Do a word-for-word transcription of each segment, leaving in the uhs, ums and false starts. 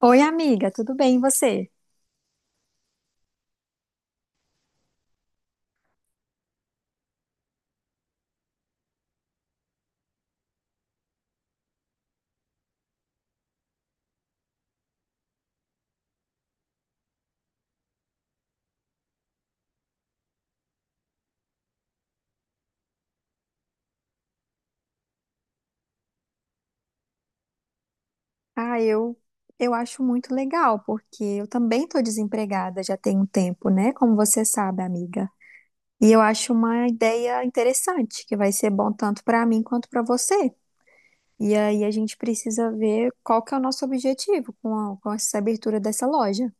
Oi, amiga, tudo bem, e você? Ah, eu, eu acho muito legal, porque eu também estou desempregada já tem um tempo, né? Como você sabe, amiga. E eu acho uma ideia interessante, que vai ser bom tanto para mim quanto para você. E aí a gente precisa ver qual que é o nosso objetivo com, a- com essa abertura dessa loja.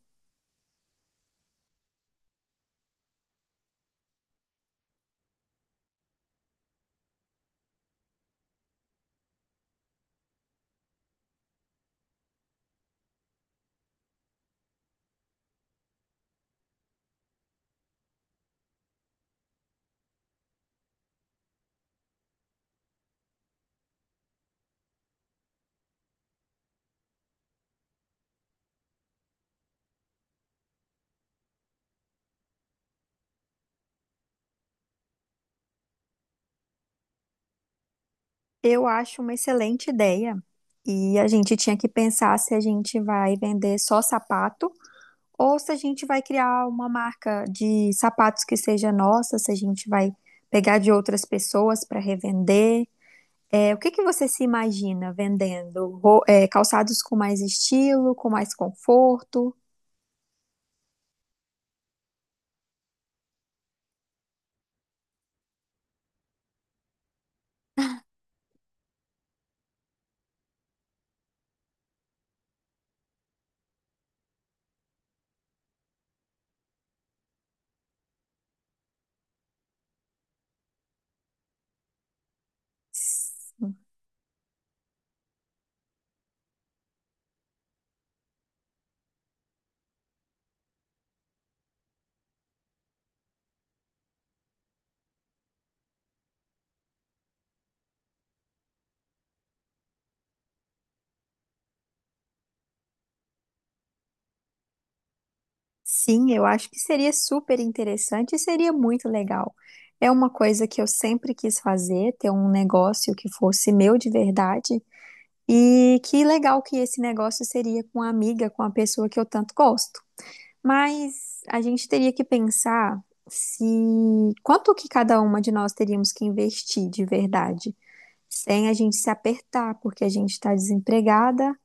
Eu acho uma excelente ideia. E a gente tinha que pensar se a gente vai vender só sapato. Ou se a gente vai criar uma marca de sapatos que seja nossa, se a gente vai pegar de outras pessoas para revender. É, o que que você se imagina vendendo? Ro- é, calçados com mais estilo, com mais conforto? Sim, eu acho que seria super interessante e seria muito legal. É uma coisa que eu sempre quis fazer, ter um negócio que fosse meu de verdade. E que legal que esse negócio seria com a amiga, com a pessoa que eu tanto gosto. Mas a gente teria que pensar se quanto que cada uma de nós teríamos que investir de verdade, sem a gente se apertar, porque a gente está desempregada,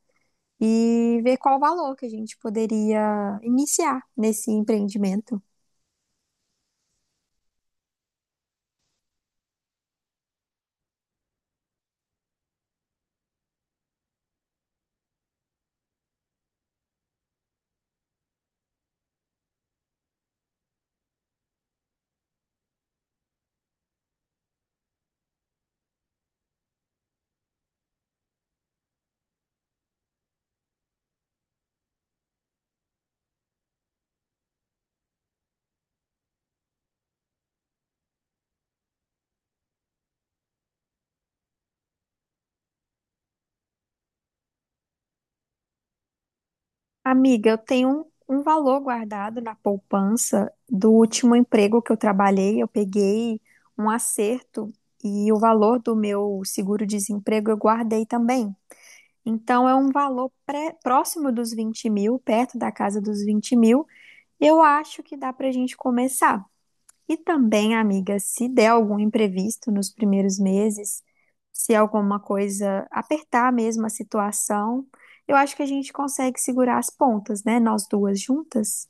e ver qual o valor que a gente poderia iniciar nesse empreendimento. Amiga, eu tenho um, um valor guardado na poupança do último emprego que eu trabalhei, eu peguei um acerto e o valor do meu seguro-desemprego eu guardei também. Então, é um valor pré- próximo dos vinte mil, perto da casa dos vinte mil. Eu acho que dá para a gente começar. E também, amiga, se der algum imprevisto nos primeiros meses, se alguma coisa apertar mesmo a situação, eu acho que a gente consegue segurar as pontas, né? Nós duas juntas.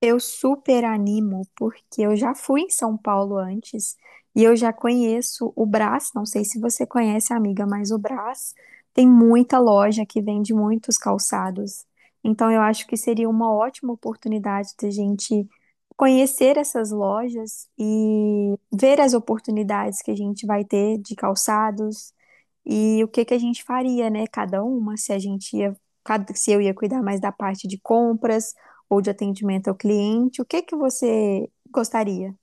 Eu super animo, porque eu já fui em São Paulo antes e eu já conheço o Brás. Não sei se você conhece, amiga, mas o Brás tem muita loja que vende muitos calçados. Então, eu acho que seria uma ótima oportunidade de a gente conhecer essas lojas e ver as oportunidades que a gente vai ter de calçados e o que que a gente faria, né? Cada uma, se a gente ia, cada- se eu ia cuidar mais da parte de compras ou de atendimento ao cliente, o que que você gostaria?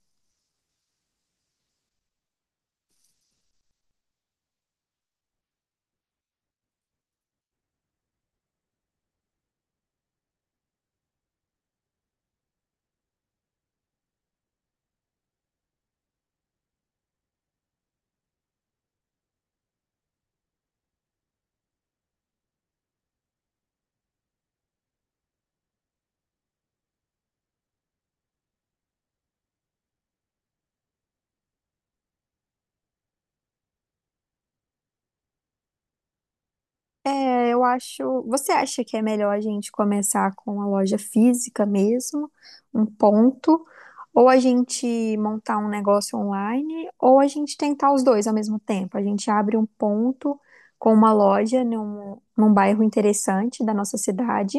É, eu acho. Você acha que é melhor a gente começar com a loja física mesmo, um ponto, ou a gente montar um negócio online, ou a gente tentar os dois ao mesmo tempo? A gente abre um ponto com uma loja num, num bairro interessante da nossa cidade,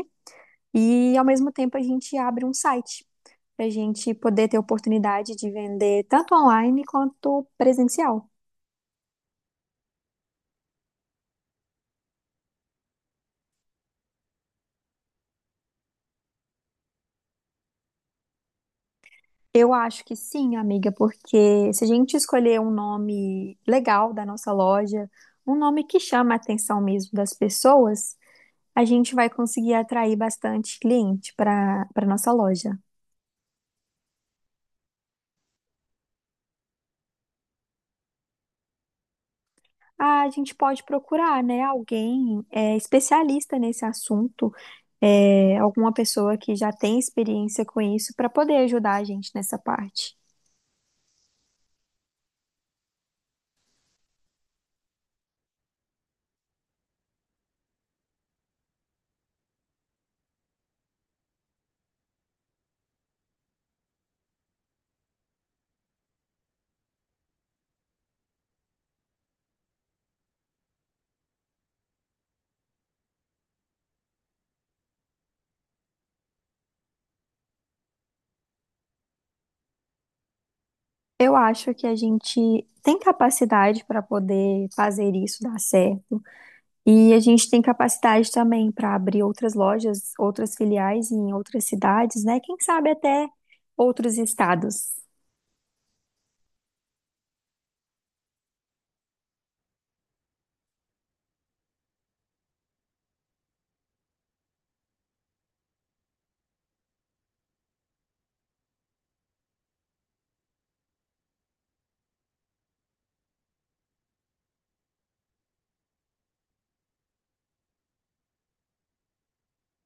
e ao mesmo tempo a gente abre um site para a gente poder ter oportunidade de vender tanto online quanto presencial. Eu acho que sim, amiga, porque se a gente escolher um nome legal da nossa loja, um nome que chama a atenção mesmo das pessoas, a gente vai conseguir atrair bastante cliente para para nossa loja. Ah, a gente pode procurar, né, alguém é, especialista nesse assunto, é, alguma pessoa que já tem experiência com isso para poder ajudar a gente nessa parte. Eu acho que a gente tem capacidade para poder fazer isso dar certo. E a gente tem capacidade também para abrir outras lojas, outras filiais em outras cidades, né? Quem sabe até outros estados.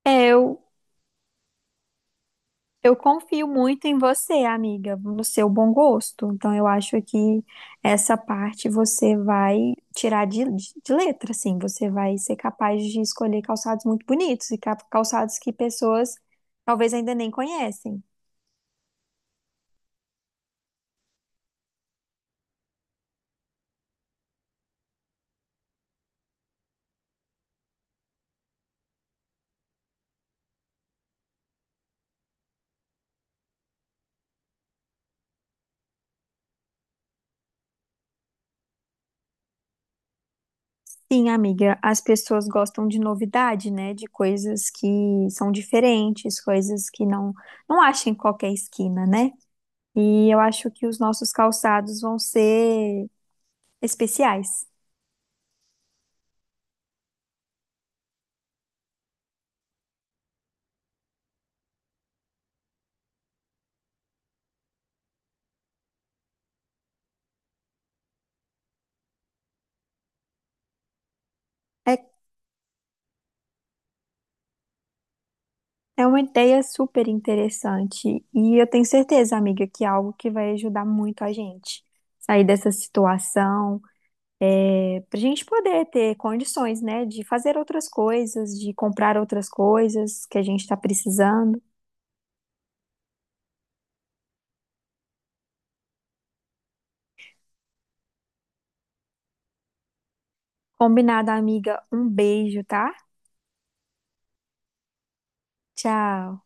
É, eu, eu confio muito em você, amiga, no seu bom gosto. Então, eu acho que essa parte você vai tirar de, de, de letra, assim. Você vai ser capaz de escolher calçados muito bonitos e ca- calçados que pessoas talvez ainda nem conhecem. Sim, amiga, as pessoas gostam de novidade, né? De coisas que são diferentes, coisas que não não acham em qualquer esquina, né? E eu acho que os nossos calçados vão ser especiais. É, é uma ideia super interessante e eu tenho certeza, amiga, que é algo que vai ajudar muito a gente sair dessa situação, para a gente poder ter condições, né? De fazer outras coisas, de comprar outras coisas que a gente está precisando. Combinado, amiga. Um beijo, tá? Tchau.